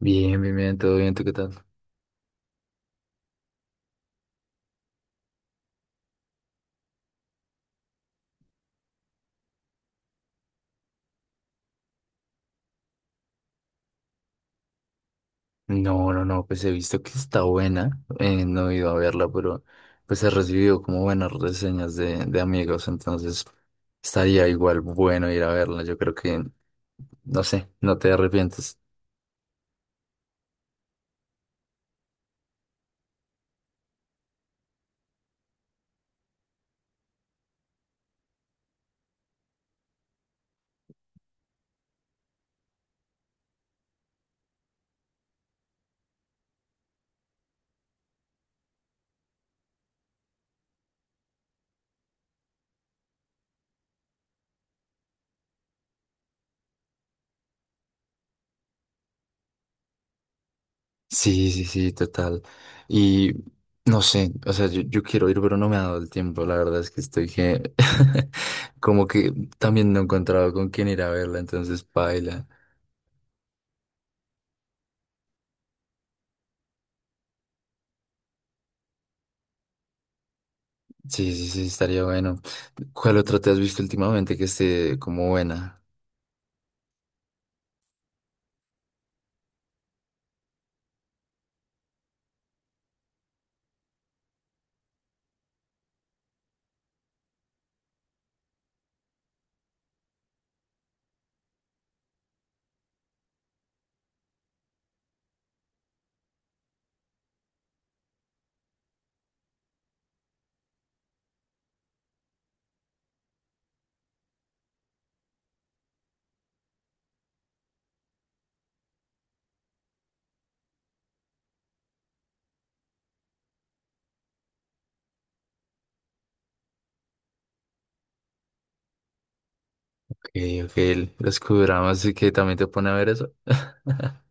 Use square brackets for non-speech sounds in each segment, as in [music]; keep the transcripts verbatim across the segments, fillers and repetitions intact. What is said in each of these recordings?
Bien, bien, bien, todo bien, ¿tú qué tal? No, no, no, pues he visto que está buena, eh, no he ido a verla, pero pues he recibido como buenas reseñas de, de amigos, entonces estaría igual bueno ir a verla, yo creo que, no sé, no te arrepientes. Sí, sí, sí, total. Y no sé, o sea, yo, yo quiero ir, pero no me ha dado el tiempo, la verdad es que estoy que, [laughs] como que también no he encontrado con quién ir a verla, entonces paila. Sí, sí, sí, estaría bueno. ¿Cuál otra te has visto últimamente que esté como buena? Ok, ok, el- los Qdramas y que también te pone a ver eso. [laughs]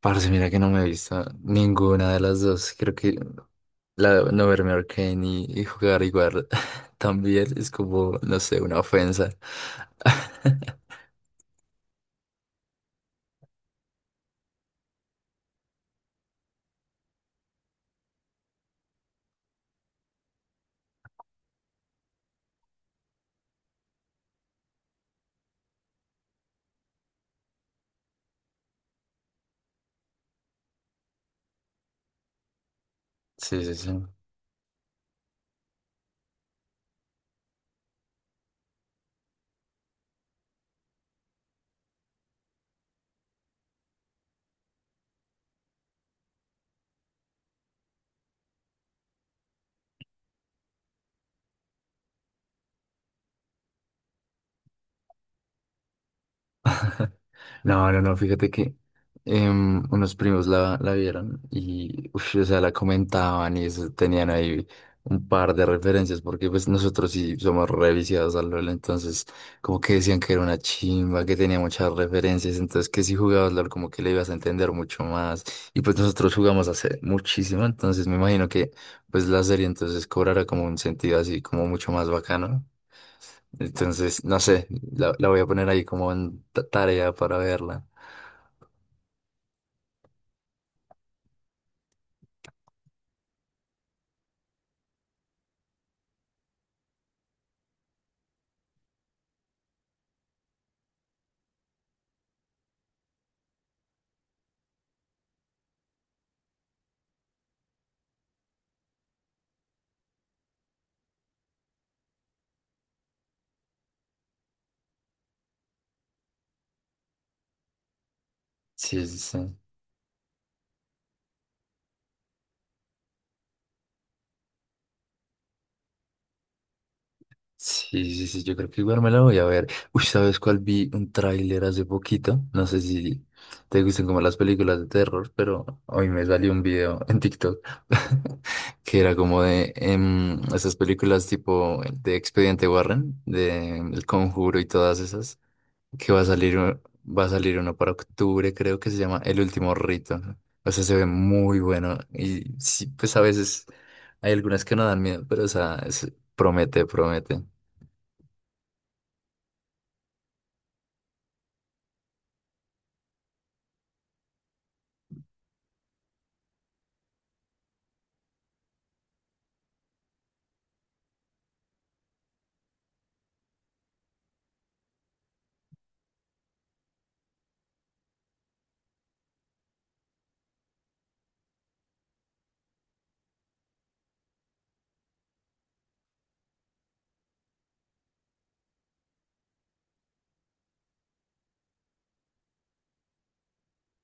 Parce, mira que no me he visto ninguna de las dos. Creo que la, no verme Arcane y, y jugar igual [laughs] también es como, no sé, una ofensa. [laughs] Sí, sí, sí. No, no, no, fíjate que em, unos primos la, la vieron y, uf, o sea, la comentaban y eso, tenían ahí un par de referencias porque pues nosotros sí somos reviciados al LoL, entonces como que decían que era una chimba, que tenía muchas referencias, entonces que si jugabas LoL como que le ibas a entender mucho más y pues nosotros jugamos hace muchísimo, entonces me imagino que pues la serie entonces cobrará como un sentido así como mucho más bacano. Entonces, no sé, la, la voy a poner ahí como en ta- tarea para verla. Sí, sí, sí. Sí, sí, sí, yo creo que igual me la voy a ver. Uy, ¿sabes cuál? Vi un tráiler hace poquito. No sé si te gustan como las películas de terror, pero hoy me salió un video en TikTok [laughs] que era como de em, esas películas tipo de Expediente Warren, de em, El Conjuro y todas esas, que va a salir, u- va a salir uno para octubre, creo que se llama El Último Rito. O sea, se ve muy bueno y sí, pues a veces hay algunas que no dan miedo, pero o sea, es- promete, promete.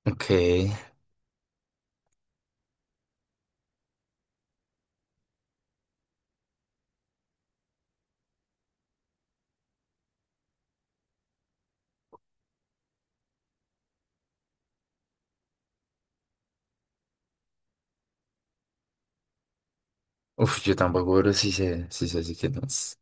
Ok. Uf, yo tampoco, pero sí sé, sí sé, sí que no es.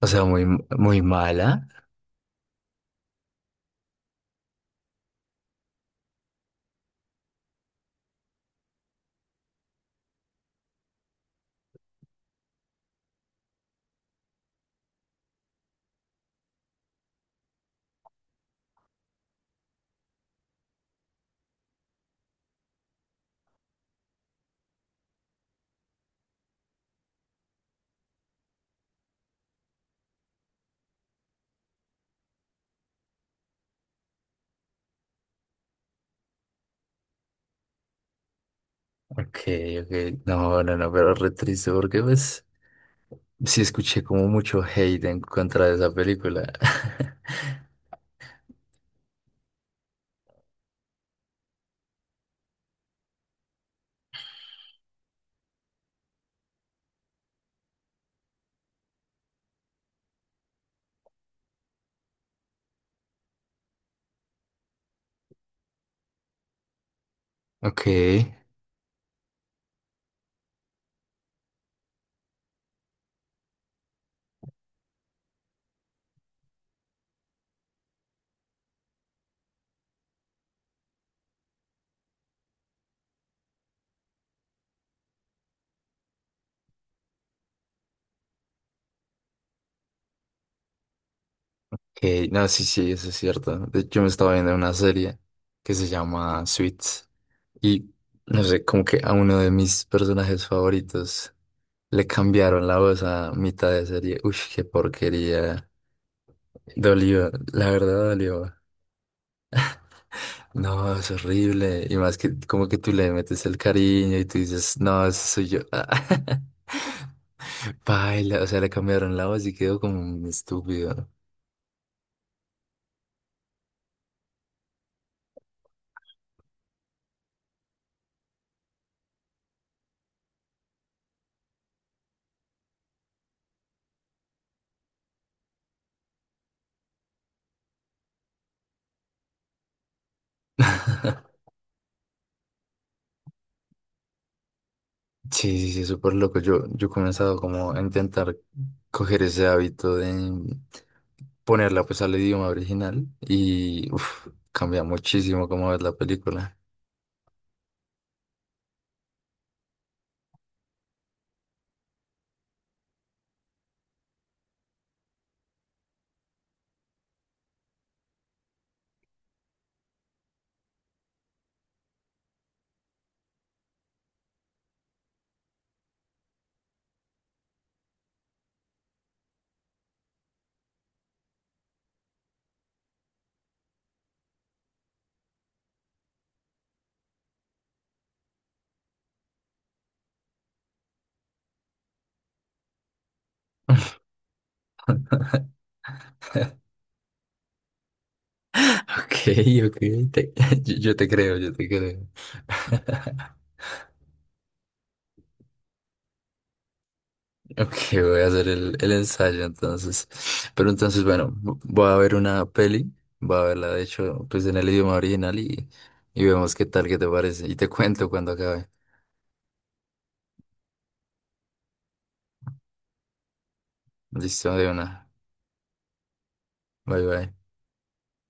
O sea, muy, muy mala. Ok, ok. No, no, no, pero re triste porque pues sí escuché como mucho hate en contra de esa película. [laughs] Ok, ok. No, sí, sí, eso es cierto. De hecho, yo me estaba viendo una serie que se llama Suits y no sé, como que a uno de mis personajes favoritos le cambiaron la voz a mitad de serie. Uy, qué porquería. Dolió, la verdad dolió. No, es horrible. Y más que como que tú le metes el cariño y tú dices, no, eso soy yo. [laughs] Baila, o sea, le cambiaron la voz y quedó como un estúpido. Sí, sí, sí, súper loco. Yo, yo he comenzado como a intentar coger ese hábito de ponerla pues al idioma original y uf, cambia muchísimo cómo ves la película. [laughs] Ok, ok, te- [laughs] yo, yo te creo, yo te creo. [laughs] Ok, voy a hacer el, el ensayo entonces. Pero entonces, bueno, vo- voy a ver una peli, voy a verla de hecho, pues en el idioma original y, y vemos qué tal, qué te parece. Y te cuento cuando acabe. Listo, de una. Bye bye.